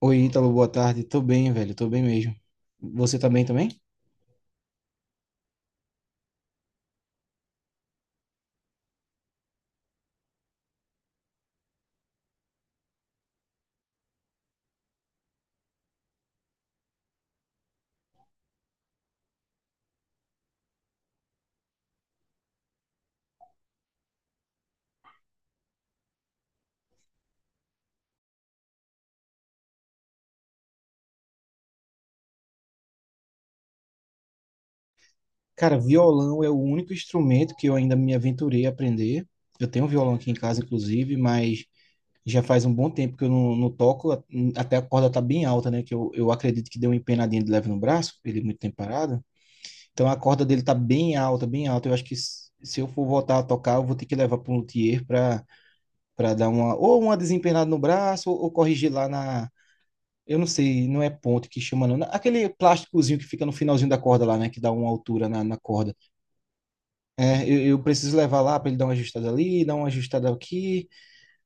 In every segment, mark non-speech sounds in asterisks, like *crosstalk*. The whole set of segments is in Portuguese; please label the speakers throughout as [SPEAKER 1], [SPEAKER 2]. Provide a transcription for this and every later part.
[SPEAKER 1] Oi, Ítalo, boa tarde. Tô bem, velho, tô bem mesmo. Você tá bem também? Cara, violão é o único instrumento que eu ainda me aventurei a aprender. Eu tenho um violão aqui em casa, inclusive, mas já faz um bom tempo que eu não toco, até a corda tá bem alta, né? Que eu acredito que deu uma empenadinha de leve no braço, ele é muito tempo parado. Então a corda dele tá bem alta, bem alta. Eu acho que se eu for voltar a tocar, eu vou ter que levar para um luthier para dar uma ou uma desempenada no braço ou corrigir lá na. Eu não sei, não é ponto que chama, não. Aquele plásticozinho que fica no finalzinho da corda lá, né? Que dá uma altura na corda. É, eu preciso levar lá para ele dar uma ajustada ali, dar uma ajustada aqui.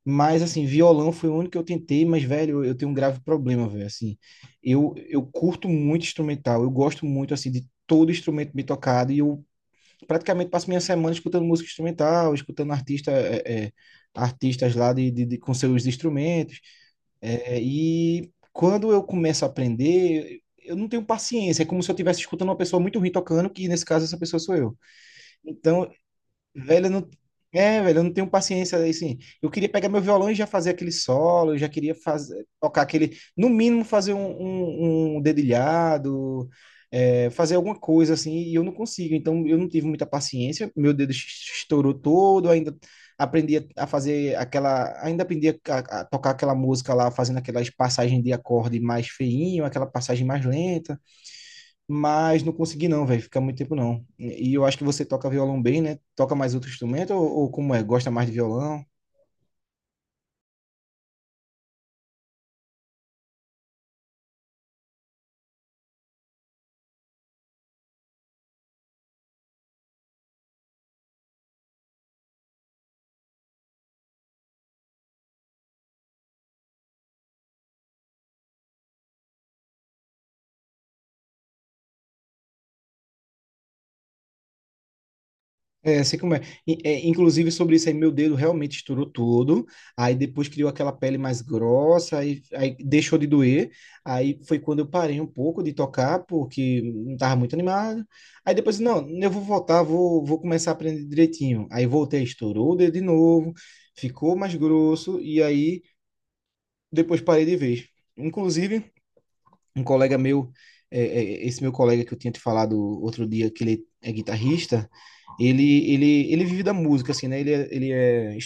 [SPEAKER 1] Mas, assim, violão foi o único que eu tentei, mas, velho, eu tenho um grave problema, velho. Assim, eu curto muito instrumental, eu gosto muito, assim, de todo instrumento bem tocado, e eu praticamente passo minha semana escutando música instrumental, escutando artista, artistas lá com seus instrumentos. É, e quando eu começo a aprender, eu não tenho paciência, é como se eu estivesse escutando uma pessoa muito ruim tocando, que nesse caso essa pessoa sou eu. Então, velho, eu não. É, velho, eu não tenho paciência assim. Eu queria pegar meu violão e já fazer aquele solo, eu já queria fazer, tocar aquele, no mínimo fazer um dedilhado, fazer alguma coisa assim, e eu não consigo. Então eu não tive muita paciência, meu dedo estourou todo, ainda aprendi a fazer aquela, ainda aprendi a tocar aquela música lá, fazendo aquelas passagens de acorde mais feinho, aquela passagem mais lenta mas não consegui não, velho, ficar muito tempo não. E eu acho que você toca violão bem, né? Toca mais outro instrumento ou como é? Gosta mais de violão? É, sei como é. E, inclusive sobre isso aí, meu dedo realmente estourou todo, aí depois criou aquela pele mais grossa, aí deixou de doer, aí foi quando eu parei um pouco de tocar, porque não estava muito animado, aí depois, não, eu vou voltar, vou começar a aprender direitinho, aí voltei, estourou o dedo de novo, ficou mais grosso, e aí depois parei de vez. Inclusive, um colega meu, esse meu colega que eu tinha te falado outro dia, que ele é guitarrista, ele vive da música, assim, né?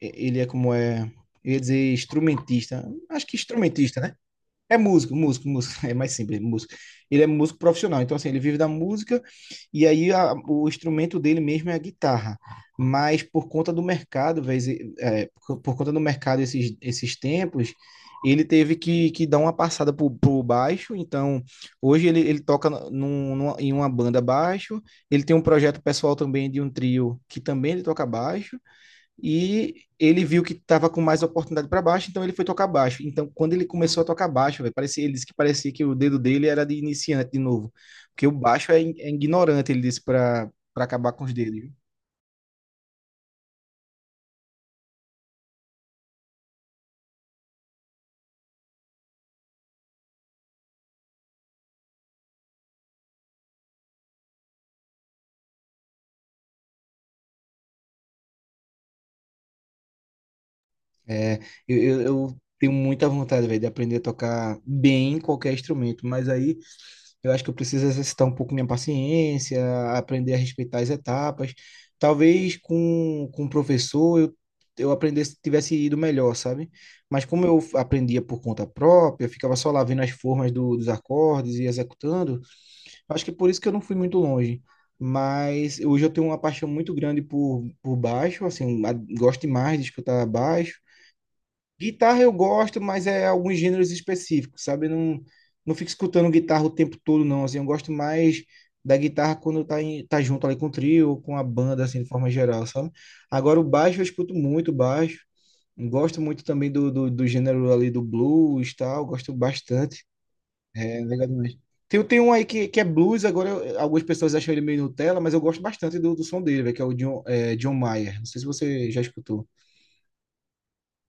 [SPEAKER 1] Ele é como é, eu ia dizer instrumentista, acho que instrumentista, né? É músico, músico, músico. *laughs* É mais simples, músico. Ele é músico profissional, então assim, ele vive da música e aí o instrumento dele mesmo é a guitarra. Mas por conta do mercado, por conta do mercado esses tempos, ele teve que dar uma passada pro baixo. Então hoje ele toca em uma banda baixo. Ele tem um projeto pessoal também de um trio que também ele toca baixo. E ele viu que estava com mais oportunidade para baixo, então ele foi tocar baixo. Então, quando ele começou a tocar baixo, velho, parecia, ele disse que parecia que o dedo dele era de iniciante de novo. Porque o baixo é, é ignorante, ele disse, para acabar com os dedos. Viu? É, eu tenho muita vontade, velho, de aprender a tocar bem qualquer instrumento, mas aí eu acho que eu preciso exercitar um pouco minha paciência, aprender a respeitar as etapas. Talvez com o professor eu aprendesse, tivesse ido melhor, sabe? Mas como eu aprendia por conta própria, eu ficava só lá vendo as formas dos acordes e executando, eu acho que é por isso que eu não fui muito longe. Mas hoje eu tenho uma paixão muito grande por baixo, assim, gosto demais de escutar baixo. Guitarra eu gosto, mas é alguns gêneros específicos, sabe? Eu não fico escutando guitarra o tempo todo, não. Assim, eu gosto mais da guitarra quando tá, tá junto ali com o trio ou com a banda, assim, de forma geral, sabe? Agora o baixo eu escuto muito baixo. Gosto muito também do gênero ali do blues e tal. Gosto bastante. É, é legal demais. Tem um aí que é blues, agora algumas pessoas acham ele meio Nutella, mas eu gosto bastante do som dele, velho, que é o John, John Mayer. Não sei se você já escutou.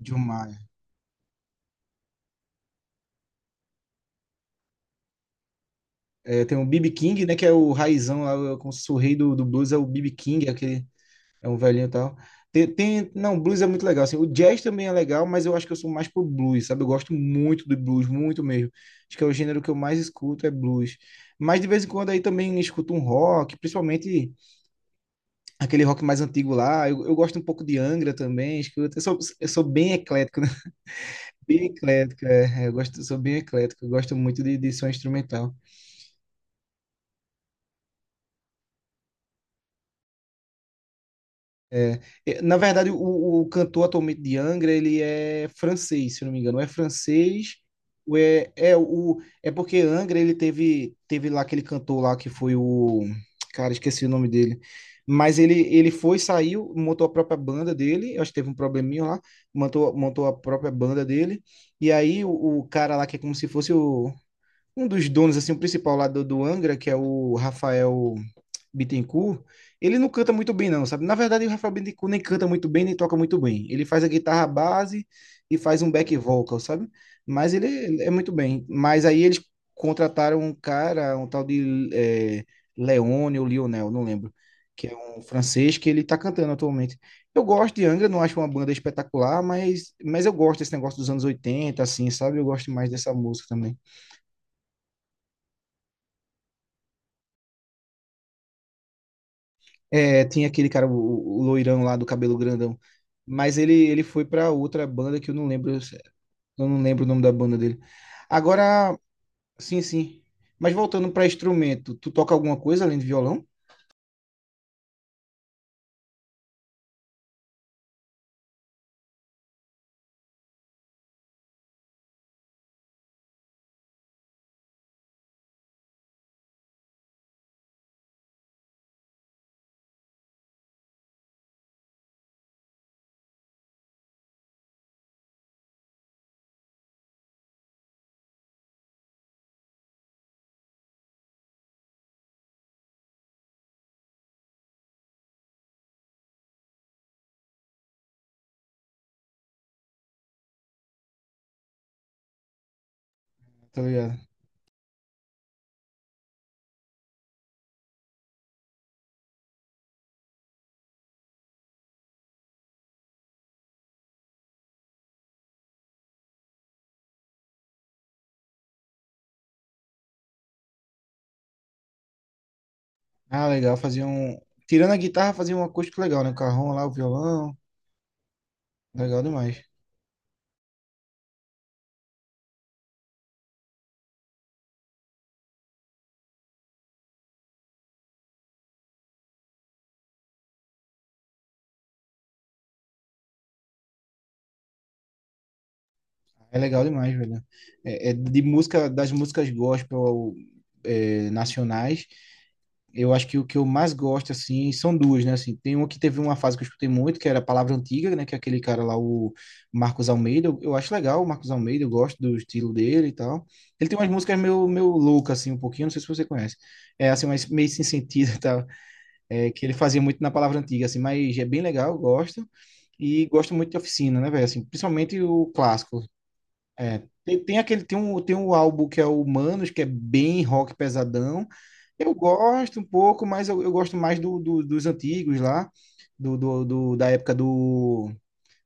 [SPEAKER 1] John Mayer. É, tem o B.B. King, né? Que é o raizão, lá, como se fosse o rei do blues, é o B.B. King, é aquele, é um velhinho e tal. Não, blues é muito legal, assim. O jazz também é legal, mas eu acho que eu sou mais pro blues, sabe? Eu gosto muito do blues, muito mesmo. Acho que é o gênero que eu mais escuto, é blues. Mas de vez em quando aí também escuto um rock, principalmente aquele rock mais antigo lá. Eu gosto um pouco de Angra também, escuto. Eu sou bem eclético, né? *laughs* Bem eclético, é. Eu gosto, sou bem eclético, eu gosto muito de som instrumental. É, na verdade, o cantor atualmente de Angra, ele é francês, se eu não me engano. Ou é francês, ou é porque Angra, ele teve lá aquele cantor lá que foi o... Cara, esqueci o nome dele. Mas ele foi, saiu, montou a própria banda dele. Eu acho que teve um probleminha lá. Montou, montou a própria banda dele. E aí o cara lá, que é como se fosse um dos donos, assim, o principal lá do Angra, que é o Rafael... Bittencourt, ele não canta muito bem, não, sabe? Na verdade, o Rafael Bittencourt nem canta muito bem, nem toca muito bem. Ele faz a guitarra base e faz um back vocal, sabe? Mas ele é muito bem. Mas aí eles contrataram um cara, um tal de Leone ou Lionel, não lembro, que é um francês que ele tá cantando atualmente. Eu gosto de Angra, não acho uma banda espetacular, mas eu gosto desse negócio dos anos 80, assim, sabe? Eu gosto mais dessa música também. É, tinha aquele cara, o loirão lá do cabelo grandão. Mas ele foi pra outra banda que eu não lembro o nome da banda dele. Agora, sim, sim. Mas voltando pra instrumento, tu toca alguma coisa além de violão? Tá ligado? Ah, legal, fazia um. Tirando a guitarra, fazia um acústico legal, né? O carrão lá, o violão. Legal demais. É legal demais, velho. É de música, das músicas gospel, nacionais. Eu acho que o que eu mais gosto, assim, são duas, né? Assim, tem uma que teve uma fase que eu escutei muito, que era a Palavra Antiga, né? Que é aquele cara lá, o Marcos Almeida. Eu acho legal o Marcos Almeida, eu gosto do estilo dele e tal. Ele tem umas músicas meio, meio loucas, assim, um pouquinho, não sei se você conhece. É, assim, mas meio sem sentido *laughs* e tal. É, que ele fazia muito na Palavra Antiga, assim, mas é bem legal, eu gosto. E gosto muito de Oficina, né, velho? Assim, principalmente o clássico, tem um álbum que é o Manos, que é bem rock pesadão. Eu gosto um pouco, mas eu gosto mais dos antigos lá, do, do, do- da época do,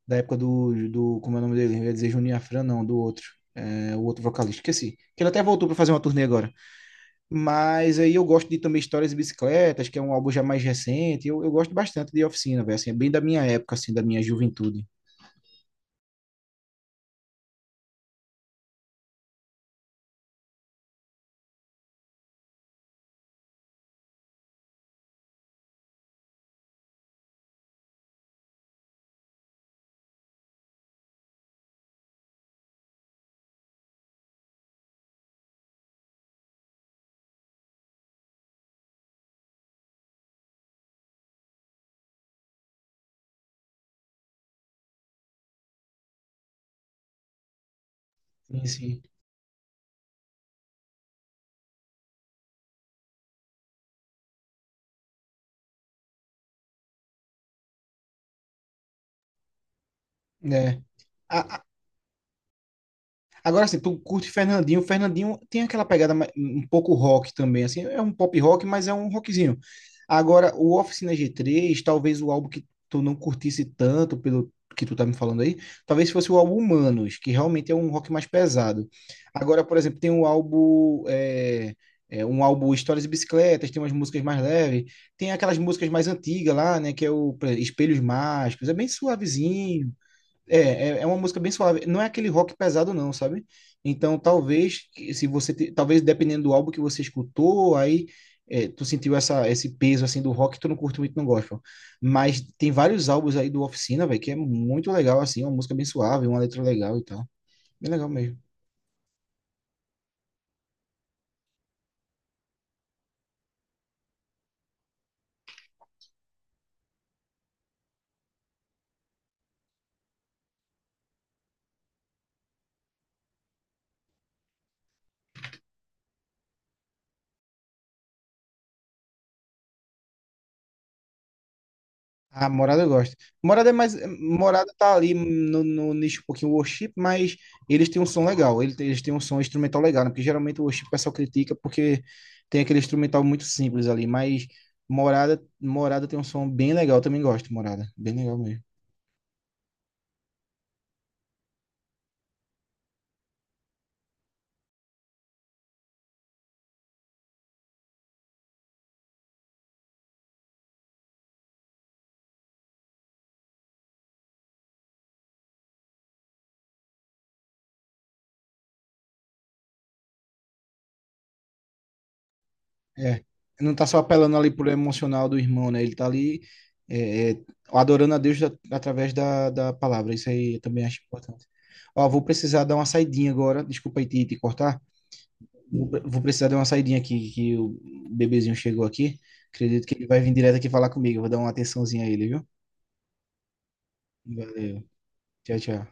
[SPEAKER 1] da época do, do, como é o nome dele? Eu ia dizer Juninho Afran, não, do outro, o outro vocalista, esqueci. Que ele até voltou para fazer uma turnê agora. Mas aí eu gosto de também Histórias e Bicicletas, que é um álbum já mais recente. Eu gosto bastante de Oficina, velho. Assim, é bem da minha época, assim, da minha juventude. Sim, sim. É. A, Agora, assim, tu curte Fernandinho. Fernandinho tem aquela pegada um pouco rock também, assim, é um pop rock, mas é um rockzinho. Agora, o Oficina G3, talvez o álbum que tu não curtisse tanto, pelo que tu tá me falando aí, talvez fosse o álbum Humanos, que realmente é um rock mais pesado. Agora, por exemplo, tem um álbum, um álbum Histórias e Bicicletas, tem umas músicas mais leves, tem aquelas músicas mais antigas lá, né, que é o por exemplo, Espelhos Mágicos, é bem suavezinho. É uma música bem suave. Não é aquele rock pesado, não, sabe? Então, talvez, se você, talvez dependendo do álbum que você escutou, aí tu sentiu essa, esse peso assim do rock, tu não curte muito, não gosta. Mas tem vários álbuns aí do Oficina, velho, que é muito legal, assim, uma música bem suave, uma letra legal e tal. Bem legal mesmo. Ah, Morada eu gosto. Morada é mais. Morada tá ali no nicho um pouquinho worship, mas eles têm um som legal. Eles têm um som instrumental legal, né? Porque geralmente o worship o pessoal critica porque tem aquele instrumental muito simples ali. Mas Morada, Morada tem um som bem legal. Eu também gosto, de Morada. Bem legal mesmo. É. Não tá só apelando ali pro emocional do irmão, né? Ele tá ali é, é, adorando a Deus através da palavra. Isso aí eu também acho importante. Ó, vou precisar dar uma saidinha agora. Desculpa aí te cortar. Vou precisar dar uma saidinha aqui, que o bebezinho chegou aqui. Acredito que ele vai vir direto aqui falar comigo. Eu vou dar uma atençãozinha a ele, viu? Valeu, tchau, tchau.